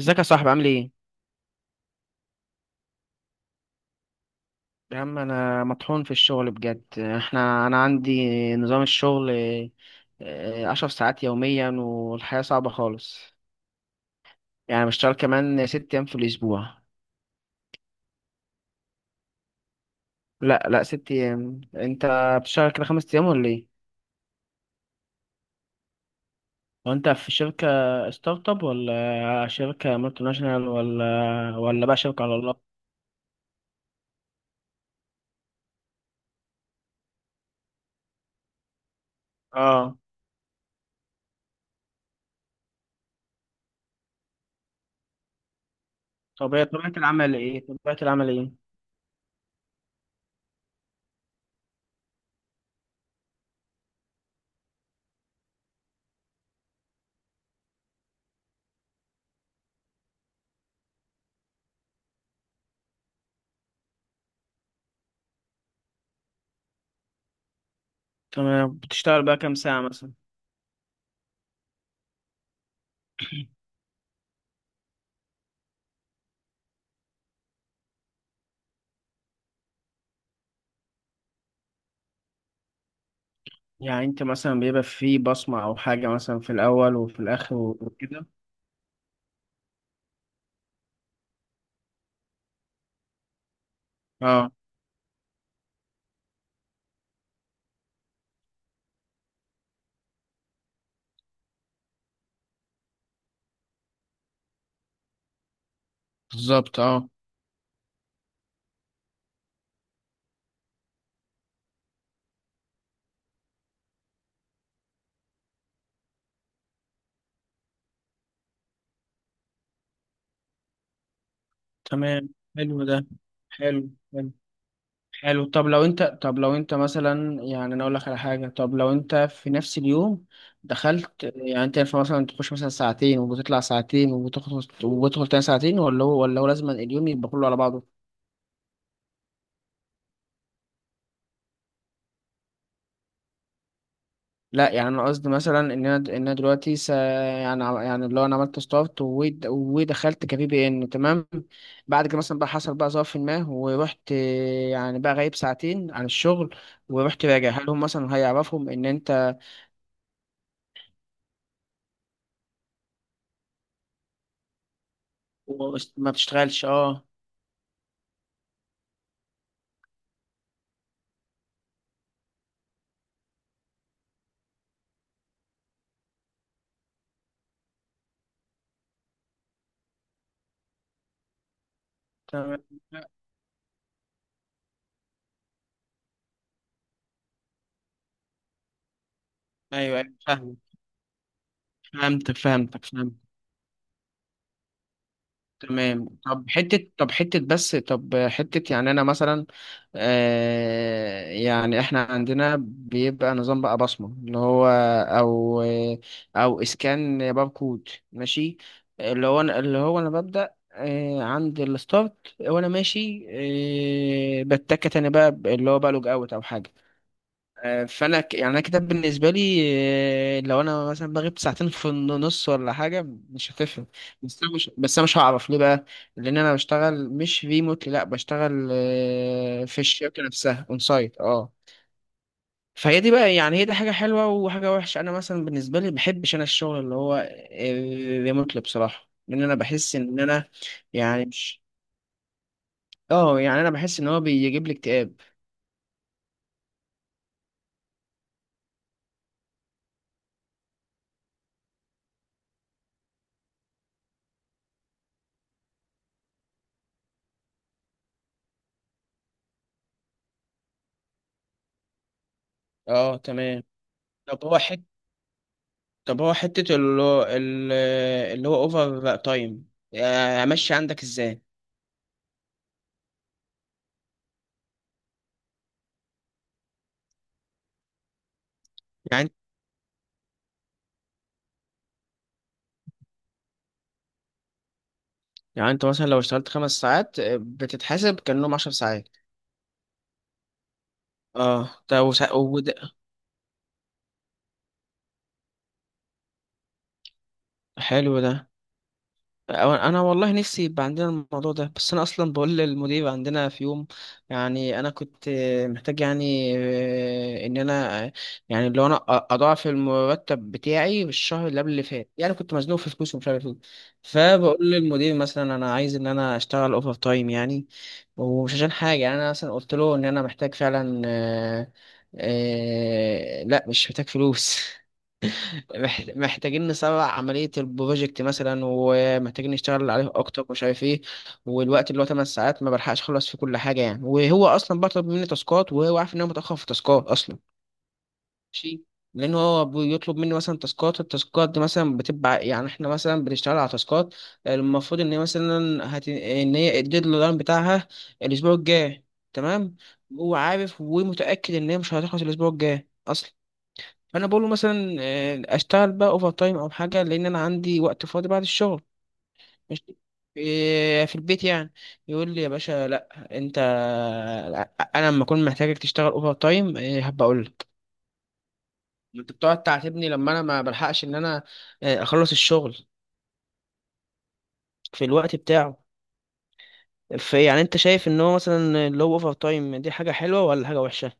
ازيك يا صاحبي، عامل ايه؟ يا عم، انا مطحون في الشغل بجد. انا عندي نظام الشغل، عشر ساعات يوميا، والحياة صعبة خالص. يعني بشتغل كمان ست ايام في الاسبوع. لا، لا، ست ايام. انت بتشتغل كده خمس ايام ولا ايه؟ هو انت في شركة ستارت اب ولا شركة مالتي ناشونال ولا بقى شركة على الله؟ اه. طب هي طبيعة العمل ايه؟ تمام. بتشتغل بقى كام ساعة مثلا؟ يعني انت مثلا بيبقى في بصمة او حاجة مثلا في الاول وفي الاخر وكده. اه، بالظبط، اه، تمام. حلو ده، حلو حلو حلو. طب لو انت مثلا، يعني انا اقول لك على حاجة. طب لو انت في نفس اليوم دخلت، يعني انت ينفع مثلا تخش مثلا ساعتين وبتطلع ساعتين وبتخلص وبتدخل تاني ساعتين، ولا هو لازم اليوم يبقى كله على بعضه؟ لا، يعني انا قصدي مثلا ان انا دلوقتي يعني اللي هو انا عملت ستارت ودخلت كبي بي ان. تمام. بعد كده مثلا بقى، حصل بقى ظرف ما ورحت، يعني بقى غايب ساعتين عن الشغل، ورحت راجع. هل هم مثلا هيعرفهم ان انت ما بتشتغلش؟ اه. تمام. ايوه، ايوه، فاهم. فهمتك، فهمتك، فهمتك. تمام. طب حتة طب حتة بس طب حتة يعني أنا مثلا، يعني إحنا عندنا بيبقى نظام بقى بصمة، اللي هو أو أو إسكان باركود. ماشي. اللي هو أنا ببدأ عند الستارت وأنا ماشي. بتكت أنا بقى، اللي هو بقى لوج أوت أو حاجة. فانا يعني انا كده بالنسبه لي، لو انا مثلا بغيب ساعتين في النص ولا حاجه، مش هتفهم. بس انا مش هعرف ليه بقى. لان انا بشتغل مش ريموتلي، لا بشتغل في الشركه نفسها اون سايت. اه. فهي دي بقى، يعني هي دي حاجه حلوه وحاجه وحشه. انا مثلا بالنسبه لي بحبش انا الشغل اللي هو ريموتلي بصراحه، لان انا بحس ان انا يعني مش اه يعني انا بحس ان هو بيجيب لي اكتئاب. اه، تمام. طب هو حته طب هو حتة اللي هو اوفر تايم، امشي عندك ازاي؟ يعني يعني انت مثلا لو اشتغلت خمس ساعات، بتتحاسب كأنهم عشر ساعات. اه، ده وده. حلو ده. انا والله نفسي يبقى عندنا الموضوع ده. بس انا اصلا بقول للمدير عندنا في يوم، يعني انا كنت محتاج يعني، ان انا، يعني لو انا اضاعف المرتب بتاعي بالشهر اللي قبل اللي فات، يعني كنت مزنوق في فلوس ومش عارف ايه. فبقول للمدير مثلا انا عايز ان انا اشتغل اوفر تايم يعني، ومش عشان حاجه. يعني انا مثلا قلت له ان انا محتاج فعلا، لا، مش محتاج فلوس محتاجين نسرع عملية البروجكت مثلا، ومحتاجين نشتغل عليه أكتر ومش عارف إيه. والوقت اللي هو 8 ساعات ما بلحقش أخلص فيه كل حاجة يعني. وهو أصلا بطلب مني تاسكات، وهو عارف إن أنا متأخر في تاسكات أصلا. ماشي. لأن هو بيطلب مني مثلا تاسكات، التاسكات دي مثلا بتبقى، يعني إحنا مثلا بنشتغل على تاسكات المفروض إن هي مثلا إن هي الديدلاين بتاعها الأسبوع الجاي. تمام. هو عارف ومتأكد إن هي مش هتخلص الأسبوع الجاي أصلا. فانا بقول له مثلا، اشتغل بقى اوفر تايم او حاجه، لان انا عندي وقت فاضي بعد الشغل، مش في البيت يعني. يقول لي: يا باشا لا، انت، انا لما اكون محتاجك تشتغل اوفر تايم هبقى اقول لك. ما انت بتقعد تعاتبني لما انا ما بلحقش ان انا، اخلص الشغل في الوقت بتاعه. في، يعني انت شايف ان هو مثلا اللي هو اوفر تايم دي حاجه حلوه ولا حاجه وحشه؟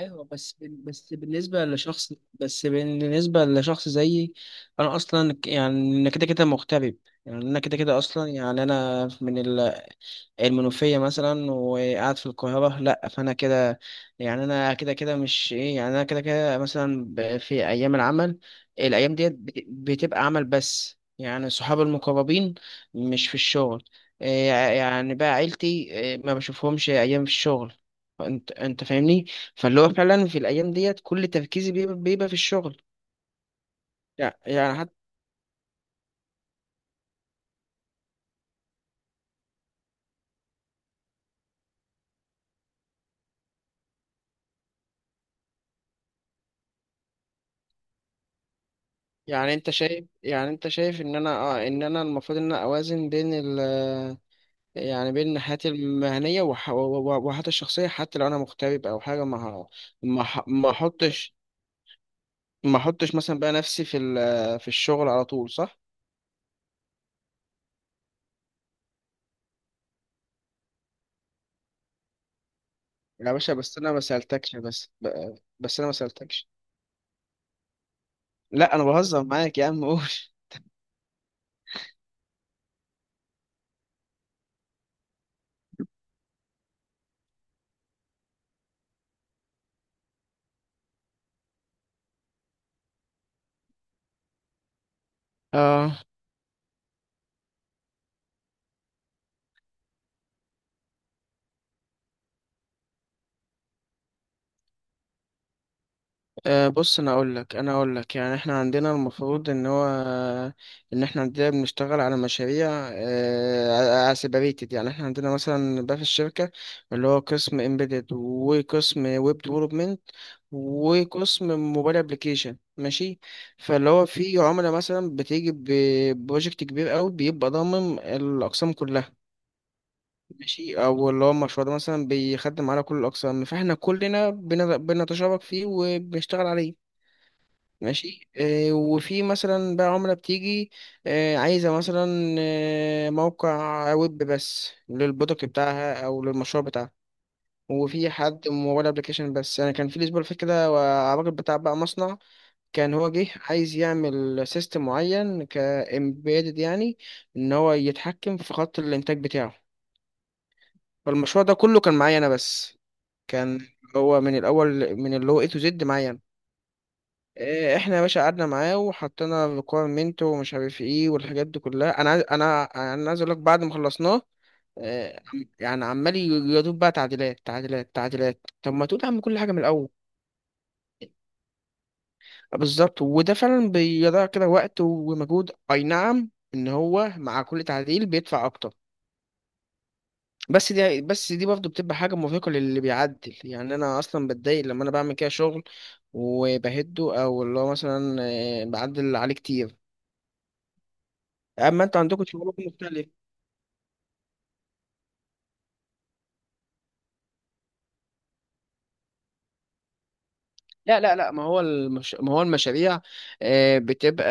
ايوه، بس بالنسبه لشخص زيي. انا اصلا، يعني انا كده كده مغترب. يعني انا كده كده اصلا، يعني انا من المنوفية مثلا وقاعد في القاهرة. لأ، فأنا كده. يعني أنا كده كده مش إيه يعني أنا كده كده مثلا في أيام العمل، الأيام ديت بتبقى عمل بس، يعني صحابي المقربين مش في الشغل. إيه يعني بقى، عيلتي، ما بشوفهمش أيام في الشغل. أنت فاهمني. فاللي هو فعلا في الأيام ديت كل تركيزي بيبقى في الشغل. يعني حتى، يعني انت شايف ان انا المفروض ان انا اوازن بين، يعني بين حياتي المهنية وحياتي الشخصية. حتى لو أنا مغترب أو حاجة، ما ح- ما أحطش ما أحطش مثلا بقى نفسي في الشغل على طول، صح؟ يا باشا، بس أنا ما سألتكش. بس أنا ما سألتكش، لا أنا بهزر معاك. يا عم، قول. اه، أه، بص، انا اقول لك يعني احنا عندنا، المفروض ان احنا عندنا بنشتغل على مشاريع سيبريتد. يعني احنا عندنا مثلا بقى في الشركه، اللي هو قسم امبيدد، وقسم ويب ديفلوبمنت، وقسم موبايل ابلكيشن. ماشي. فاللي هو في عملاء مثلا بتيجي ببروجكت كبير قوي بيبقى ضامن الاقسام كلها. ماشي. او اللي هو المشروع ده مثلا بيخدم على كل الاقسام، فاحنا كلنا بنتشارك فيه وبنشتغل عليه. ماشي. وفي مثلا بقى عملة بتيجي، عايزة مثلا، موقع ويب بس للبرودكت بتاعها أو للمشروع بتاعها. وفي حد موبايل ابلكيشن بس. يعني كان في الأسبوع اللي فات كده، الراجل بتاع بقى مصنع، كان هو جه عايز يعمل سيستم معين كإمبيدد، يعني إن هو يتحكم في خط الإنتاج بتاعه. فالمشروع ده كله كان معايا أنا بس. كان هو من الأول، من اللي هو A to Z معايا أنا. احنا يا باشا قعدنا معاه وحطينا ريكويرمنت ومش عارف ايه والحاجات دي كلها. انا عايز اقول لك، بعد ما خلصناه آه، عم- يعني عمال ي- يدوب بقى تعديلات تعديلات تعديلات. طب ما تقول يا عم كل حاجه من الاول. بالظبط، وده فعلا بيضيع كده وقت ومجهود. اي نعم، ان هو مع كل تعديل بيدفع اكتر. بس دي برضه بتبقى حاجه مرهقه للي بيعدل، يعني انا اصلا بتضايق لما انا بعمل كده شغل وبهده، او اللي هو مثلا بعدل عليه كتير. اما انتوا عندكم شغل مختلف. لا، لا، لا. ما هو المشاريع، بتبقى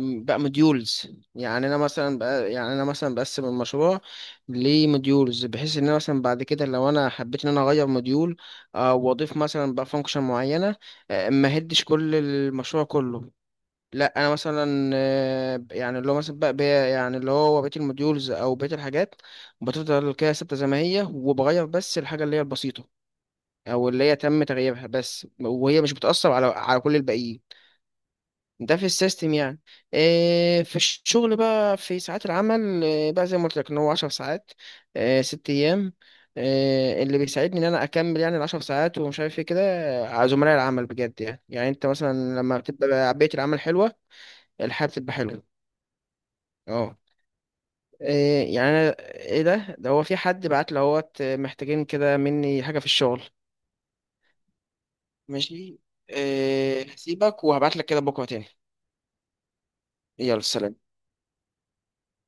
بقى موديولز. يعني انا مثلا بقى يعني انا مثلا بقسم المشروع لموديولز، بحيث ان انا مثلا بعد كده لو انا حبيت ان انا اغير موديول، واضيف مثلا بقى فانكشن معينه، ما هدش كل المشروع كله. لا، انا مثلا يعني اللي هو مثلا يعني اللي هو بقيه الموديولز او بقيه الحاجات بتفضل كده ثابته زي ما هي، وبغير بس الحاجه اللي هي البسيطه، او اللي هي تم تغييرها بس، وهي مش بتأثر على كل الباقيين. ده في السيستم يعني. في الشغل بقى، في ساعات العمل، بقى زي ما قلت لك ان هو 10 ساعات، ست ايام. اللي بيساعدني ان انا اكمل يعني العشر ساعات ومش عارف ايه كده، زملاء العمل بجد. يعني انت مثلا لما بتبقى بيئة العمل حلوة، الحياة بتبقى حلوة. اه. ايه ده هو في حد بعت لهوت محتاجين كده مني حاجة في الشغل. ماشي. هسيبك وهبعت لك كده بكرة تاني. يلا، سلام.